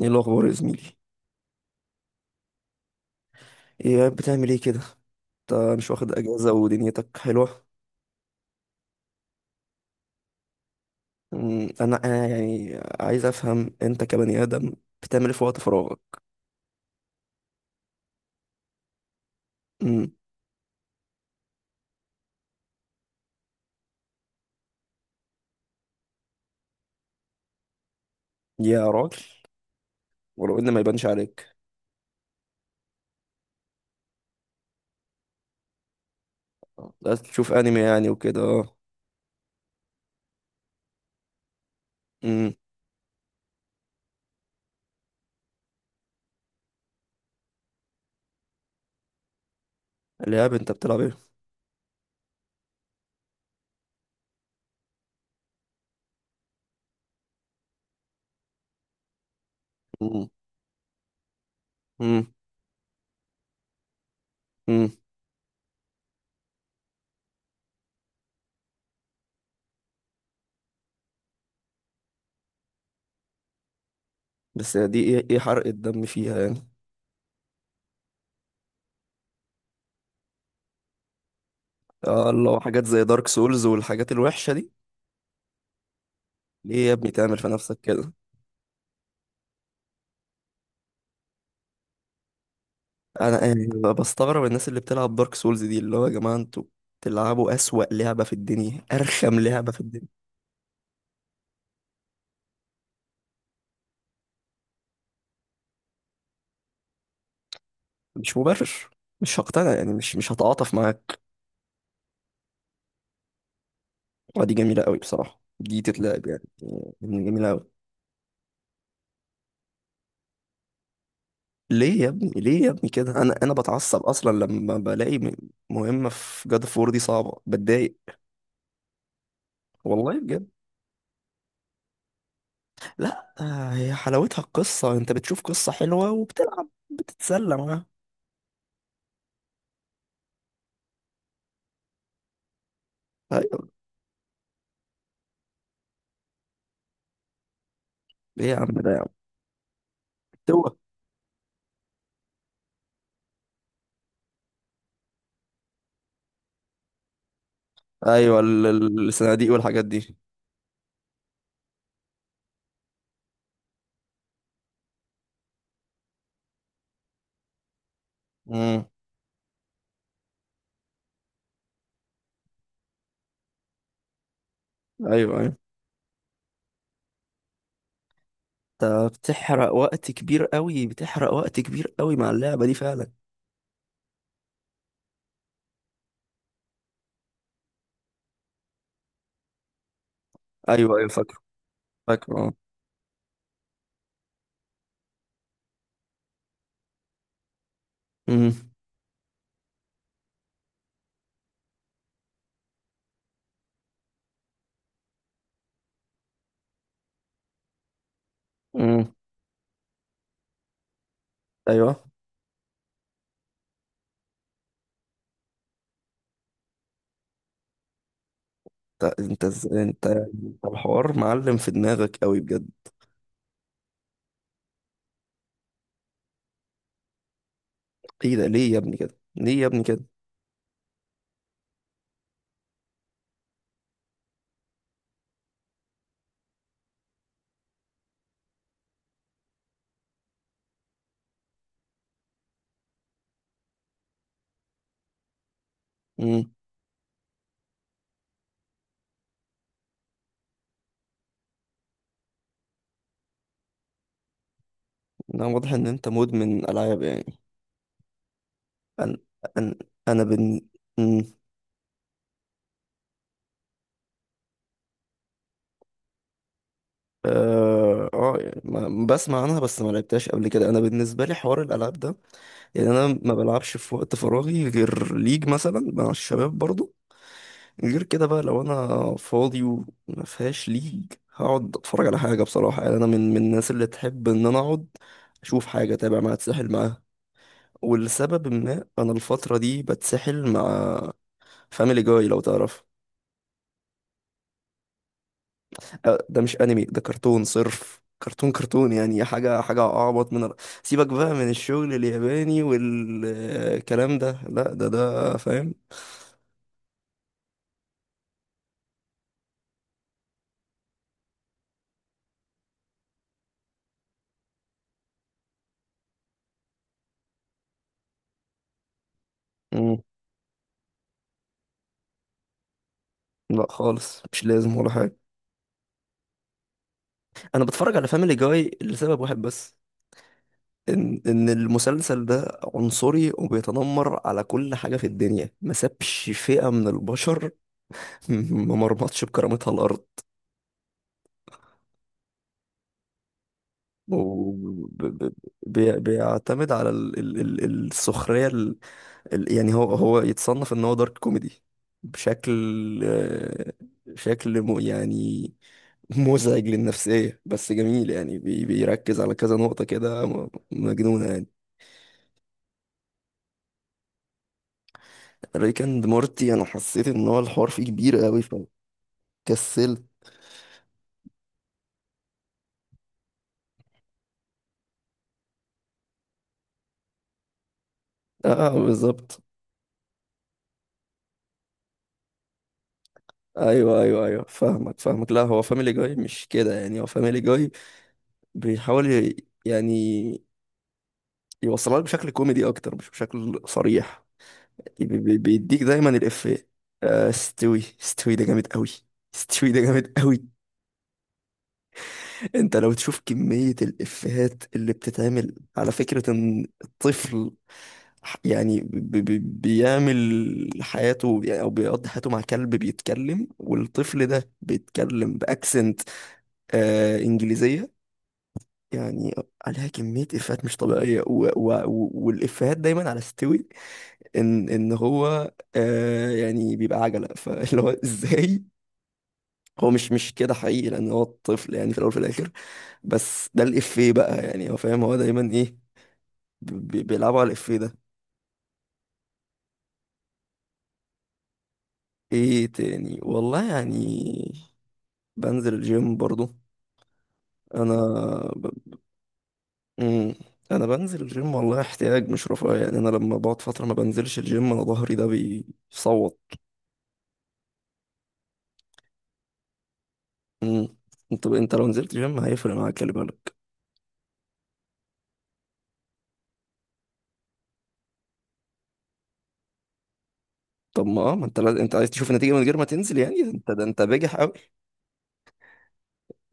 ايه الاخبار يا زميلي؟ ايه قاعد بتعمل ايه كده؟ انت مش واخد اجازه ودنيتك حلوه. انا يعني عايز افهم انت كبني ادم بتعمل ايه في وقت فراغك؟ أمم. يا راجل، ولو ان ما يبانش عليك. آه، لا تشوف انمي يعني وكده اه. امم. لعب، انت بتلعب ايه؟ أمم، أمم، أمم. بس دي ايه ايه حرق الدم فيها يعني؟ آه، الله، حاجات زي دارك سولز والحاجات الوحشه دي. ليه يا ابني تعمل في نفسك كده؟ انا يعني بستغرب الناس اللي بتلعب دارك سولز دي، اللي هو يا جماعه انتوا بتلعبوا اسوأ لعبه في الدنيا، ارخم لعبه في الدنيا. مش مبرر، مش هقتنع يعني، مش هتعاطف معاك. ودي جميله قوي بصراحه، دي تتلعب يعني. يعني جميله قوي. ليه يا ابني، ليه يا ابني كده؟ انا بتعصب اصلا لما بلاقي مهمه في جاد فور دي صعبه، بتضايق. والله بجد. لا آه، هي حلاوتها القصه، انت بتشوف قصه حلوه وبتلعب بتتسلى معاها. ايوه. ايه يا عم ده، يا عم. ايوه، الصناديق والحاجات دي. امم. ايوه ايوه، انت بتحرق وقت كبير قوي، بتحرق وقت كبير قوي مع اللعبه دي فعلا. ايوه ايوه فاكره، فاكره اه. أمم، امم. ايوه. انت انت، أنت الحوار معلم في دماغك قوي بجد. ايه ده؟ ليه يا ابني كده، ليه يا ابني كده؟ امم. لا، واضح ان انت مدمن العاب يعني. انا انا انا بن... اه يعني بسمع عنها، بس ما لعبتهاش قبل كده. انا بالنسبه لي حوار الالعاب ده، يعني انا ما بلعبش في وقت فراغي غير ليج مثلا مع الشباب برضو. غير كده بقى، لو انا فاضي وما فيهاش ليج، هقعد اتفرج على حاجه بصراحه. يعني انا من الناس اللي تحب ان انا اقعد اشوف حاجه، اتابع معاها، اتسحل معاها. ولسبب ما انا الفتره دي بتسحل مع فاميلي جاي، لو تعرف. آه، ده مش انمي، ده كرتون صرف. كرتون كرتون يعني، حاجة حاجة أعبط من سيبك بقى من الشغل الياباني والكلام ده. لا، ده فاهم. مم. لا خالص، مش لازم ولا حاجة. أنا بتفرج على فاميلي جاي لسبب واحد بس، إن المسلسل ده عنصري وبيتنمر على كل حاجة في الدنيا، ما سابش فئة من البشر، ما مرمطش بكرامتها الأرض. وبيعتمد على السخرية، يعني هو، هو يتصنف ان هو دارك كوميدي. بشكل، آه، شكل يعني مزعج للنفسية بس جميل. يعني بيركز على كذا نقطة كده، مجنونة يعني. ريك اند مورتي، انا حسيت ان هو الحوار فيه كبير قوي، فكسلت. اه آه، بالظبط. ايوه ايوه ايوه، فاهمك فاهمك. لا، هو فاميلي جاي مش كده، يعني هو فاميلي جاي بيحاول يعني يوصلها لك بشكل كوميدي اكتر، مش بشكل صريح. بيديك دايما الإفيه. آه، استوي، استوي ده جامد قوي. استوي ده جامد قوي. انت لو تشوف كمية الإفيهات اللي بتتعمل على فكرة ان الطفل، يعني بيعمل حياته، يعني او بيقضي حياته مع كلب بيتكلم، والطفل ده بيتكلم باكسنت انجليزية يعني. عليها كمية إفيهات مش طبيعية، والإفيهات دايما على استوي، ان هو يعني بيبقى عجله، فاللي هو ازاي. هو مش كده حقيقي، لان هو طفل يعني في الاول وفي الاخر. بس ده الافيه بقى، يعني هو فاهم هو دايما ايه، بيلعبوا على الافيه ده. ايه تاني والله يعني، بنزل الجيم برضو. انا ب... مم. انا بنزل الجيم والله، احتياج مش رفاهية. يعني انا لما بقعد فتره ما بنزلش الجيم انا ظهري ده بيصوت. مم. انت لو نزلت جيم هيفرق معاك، خلي بالك. طب ما انت لازم، انت عايز تشوف النتيجة من غير ما تنزل يعني؟ ده انت ده انت بجح قوي.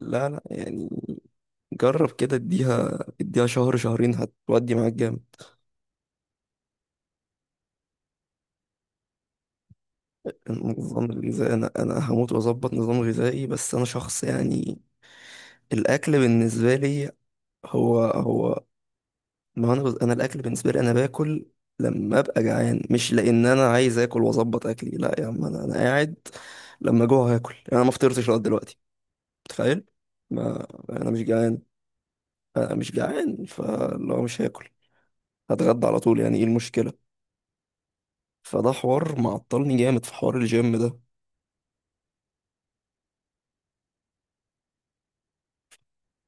لا لا، يعني جرب كده، اديها اديها شهر شهرين هتودي معاك جامد. النظام الغذائي، انا هموت واظبط نظام غذائي، بس انا شخص يعني، الاكل بالنسبة لي هو هو ما انا بز... انا الاكل بالنسبة لي انا باكل لما ابقى جعان، مش لان انا عايز اكل واظبط اكلي. لا يا عم، انا قاعد لما جوع هاكل، يعني انا ما فطرتش لغايه دلوقتي، متخيل؟ ما انا مش جعان. انا مش جعان، فلو مش هاكل هتغدى على طول، يعني ايه المشكله؟ فده حوار معطلني جامد في حوار الجيم ده.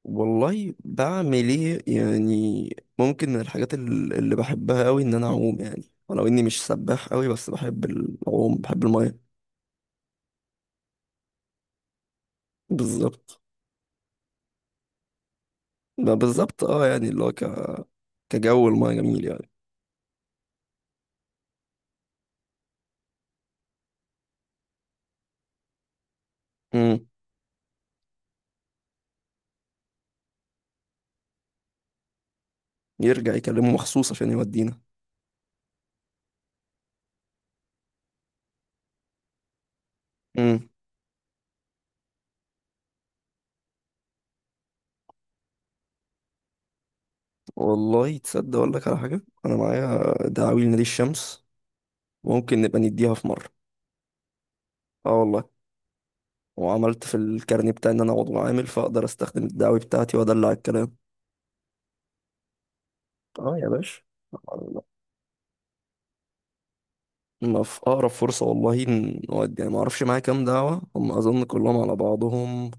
والله بعمل ايه يعني؟ ممكن من الحاجات اللي بحبها قوي ان انا اعوم، يعني ولو اني مش سباح قوي بس بحب العوم، بحب الميه. بالظبط. ما بالظبط اه، يعني اللي هو كجو الميه جميل يعني. امم. يرجع يكلمه مخصوص عشان يودينا. امم. والله تصدق، اقول لك على حاجه، انا معايا دعاوي لنادي الشمس، ممكن نبقى نديها في مره. اه والله. وعملت في الكارني بتاعي ان انا عضو عامل، فاقدر استخدم الدعوي بتاعتي وادلع الكلام. اه يا باشا. الله. ما في اقرب فرصه والله. نودي يعني، ما اعرفش معايا كام دعوه، هم اظن كلهم على بعضهم،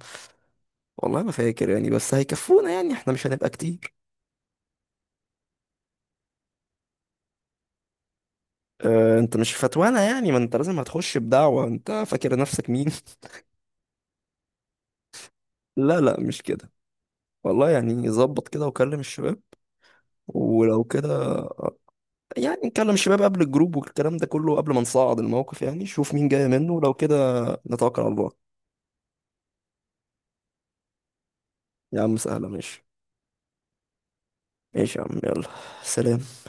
والله ما فاكر يعني، بس هيكفونا يعني، احنا مش هنبقى كتير. اه، انت مش فتوانه يعني، ما انت لازم هتخش بدعوه، انت فاكر نفسك مين؟ لا لا، مش كده والله، يعني ظبط كده وكلم الشباب ولو كده، يعني نكلم الشباب قبل الجروب والكلام ده كله قبل ما نصعد الموقف، يعني شوف مين جاي منه لو كده. نتوكل على الله. يا عم سهلة، ماشي. ماشي يا عم، يلا. سلام.